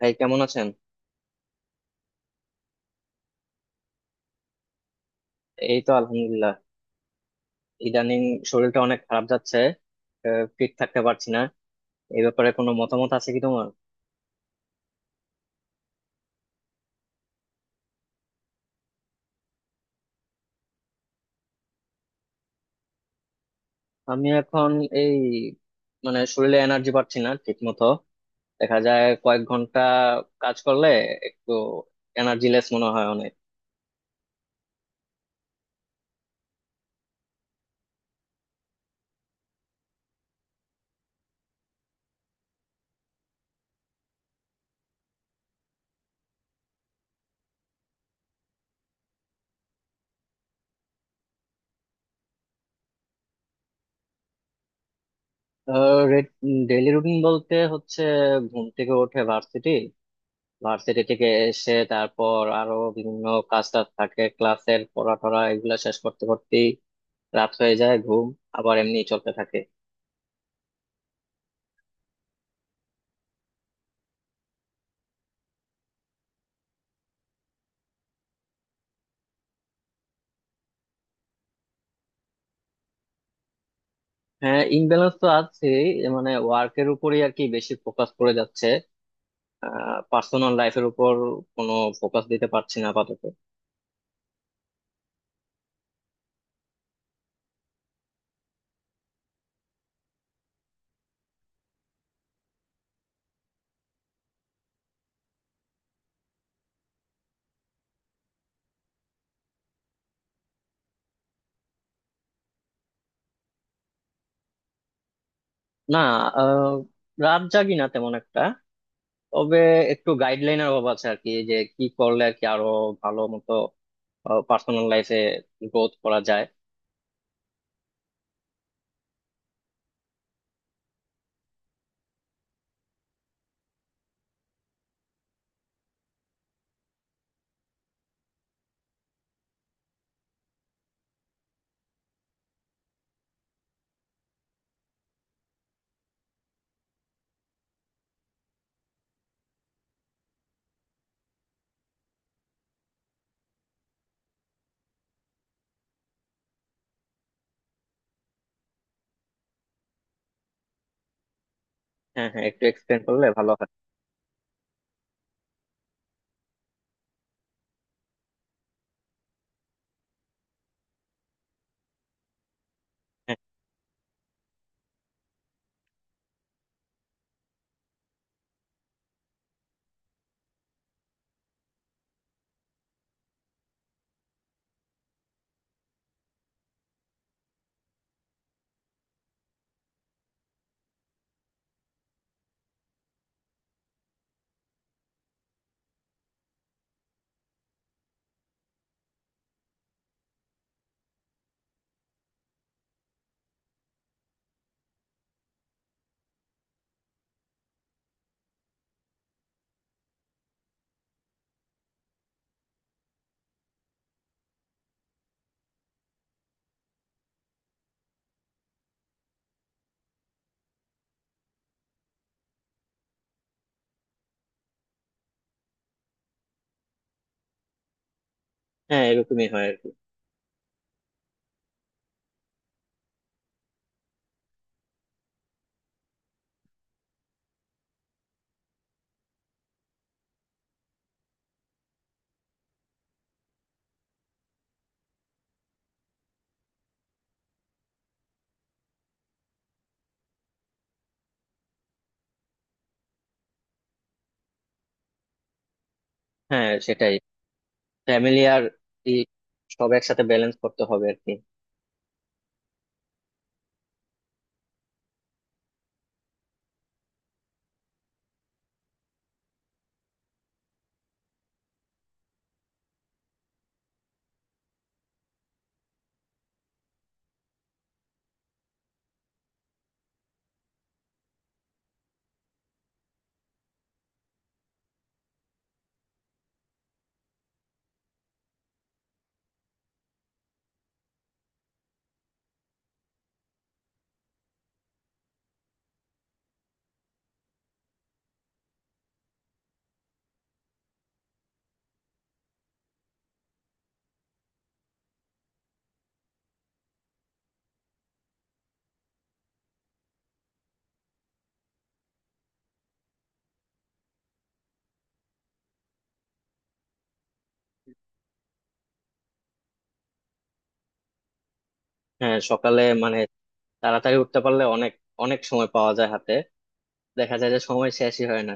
ভাই কেমন আছেন? এই তো আলহামদুলিল্লাহ। ইদানিং শরীরটা অনেক খারাপ যাচ্ছে। ফিট থাকতে পারছি না। এই ব্যাপারে কোনো মতামত আছে কি তোমার? আমি এখন এই মানে শরীরে এনার্জি পাচ্ছি না ঠিক মতো। দেখা যায় কয়েক ঘন্টা কাজ করলে একটু এনার্জি লেস মনে হয় অনেক। ডেইলি রুটিন বলতে হচ্ছে ঘুম থেকে উঠে ভার্সিটি, ভার্সিটি থেকে এসে তারপর আরো বিভিন্ন কাজ টাজ থাকে, ক্লাসের পড়া টরা এগুলা শেষ করতে করতেই রাত হয়ে যায়। ঘুম আবার এমনি চলতে থাকে। হ্যাঁ ইমব্যালেন্স তো আছে, মানে ওয়ার্কের উপরই আর কি বেশি ফোকাস করে যাচ্ছে, পার্সোনাল লাইফের উপর কোনো ফোকাস দিতে পারছি না আপাতত। না, আহ, রাত জাগি না তেমন একটা। তবে একটু গাইডলাইনের অভাব আছে আর কি, যে কি করলে আর কি আরো ভালো মতো পার্সোনাল লাইফে গ্রোথ করা যায়। হ্যাঁ হ্যাঁ, একটু এক্সপ্লেন করলে ভালো হয়। হ্যাঁ হ্যাঁ এরকমই হয় আর কি। হ্যাঁ সেটাই, ফ্যামিলি আর ই সব একসাথে ব্যালেন্স করতে হবে আর কি। হ্যাঁ সকালে মানে তাড়াতাড়ি উঠতে পারলে অনেক অনেক সময় পাওয়া যায় হাতে, দেখা যায় যে সময় শেষই হয় না।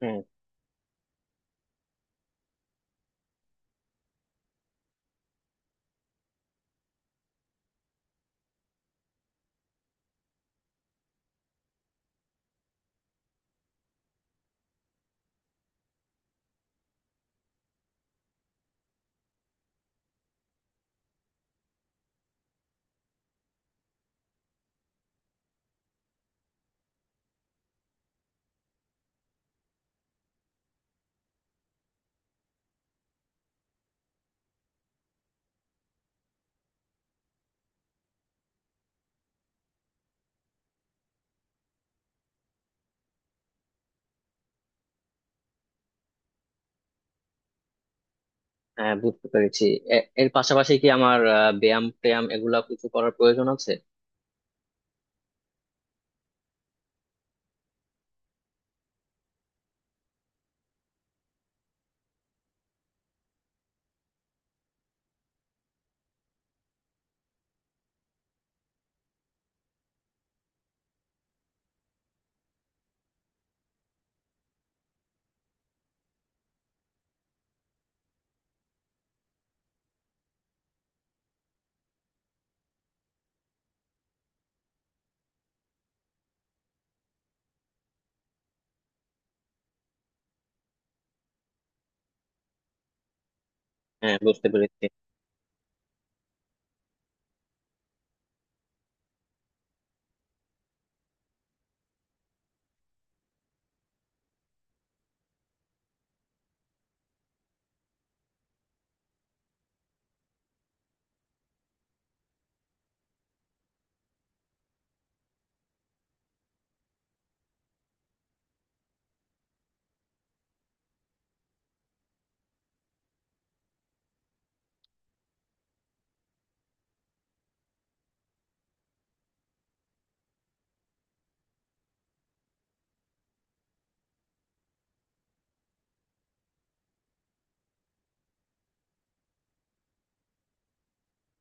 হ্যাঁ, হ্যাঁ বুঝতে পেরেছি। এর পাশাপাশি কি আমার ব্যায়াম ট্যায়াম এগুলা কিছু করার প্রয়োজন আছে? হ্যাঁ বুঝতে পেরেছি।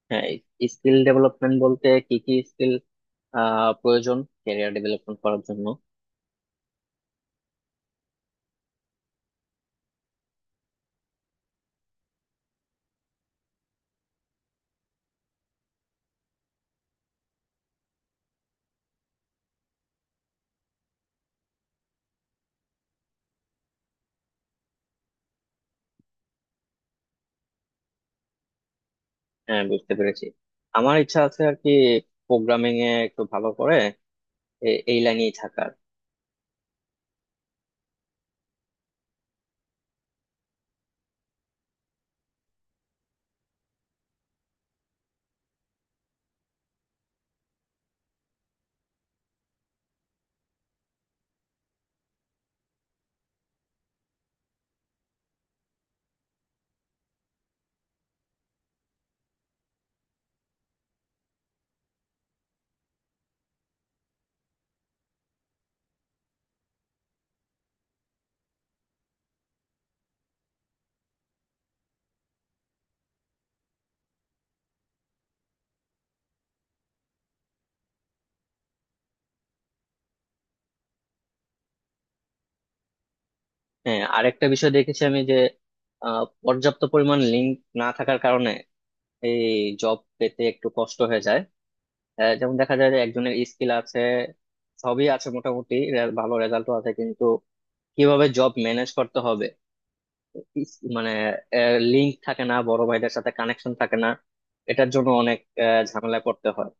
হ্যাঁ, স্কিল ডেভেলপমেন্ট বলতে কি কি স্কিল প্রয়োজন ক্যারিয়ার ডেভেলপমেন্ট করার জন্য? হ্যাঁ বুঝতে পেরেছি। আমার ইচ্ছা আছে আর কি প্রোগ্রামিং এ একটু ভালো করে, এই লাইনেই থাকার। হ্যাঁ আরেকটা বিষয় দেখেছি আমি যে পর্যাপ্ত পরিমাণ লিঙ্ক না থাকার কারণে এই জব পেতে একটু কষ্ট হয়ে যায়। যেমন দেখা যায় যে একজনের স্কিল আছে, সবই আছে, মোটামুটি ভালো রেজাল্টও আছে, কিন্তু কিভাবে জব ম্যানেজ করতে হবে, মানে লিংক থাকে না, বড় ভাইদের সাথে কানেকশন থাকে না, এটার জন্য অনেক ঝামেলা করতে হয়।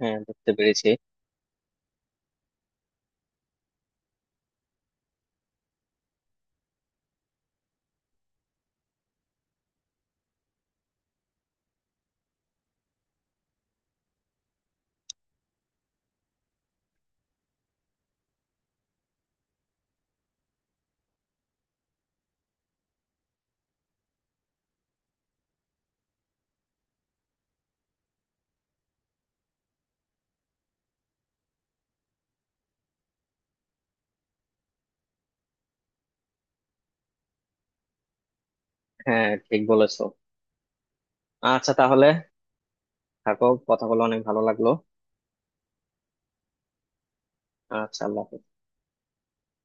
হ্যাঁ বুঝতে পেরেছি। হ্যাঁ ঠিক বলেছো। আচ্ছা তাহলে থাকো, কথা বলে অনেক ভালো লাগলো। আচ্ছা আল্লাহ হাফেজ।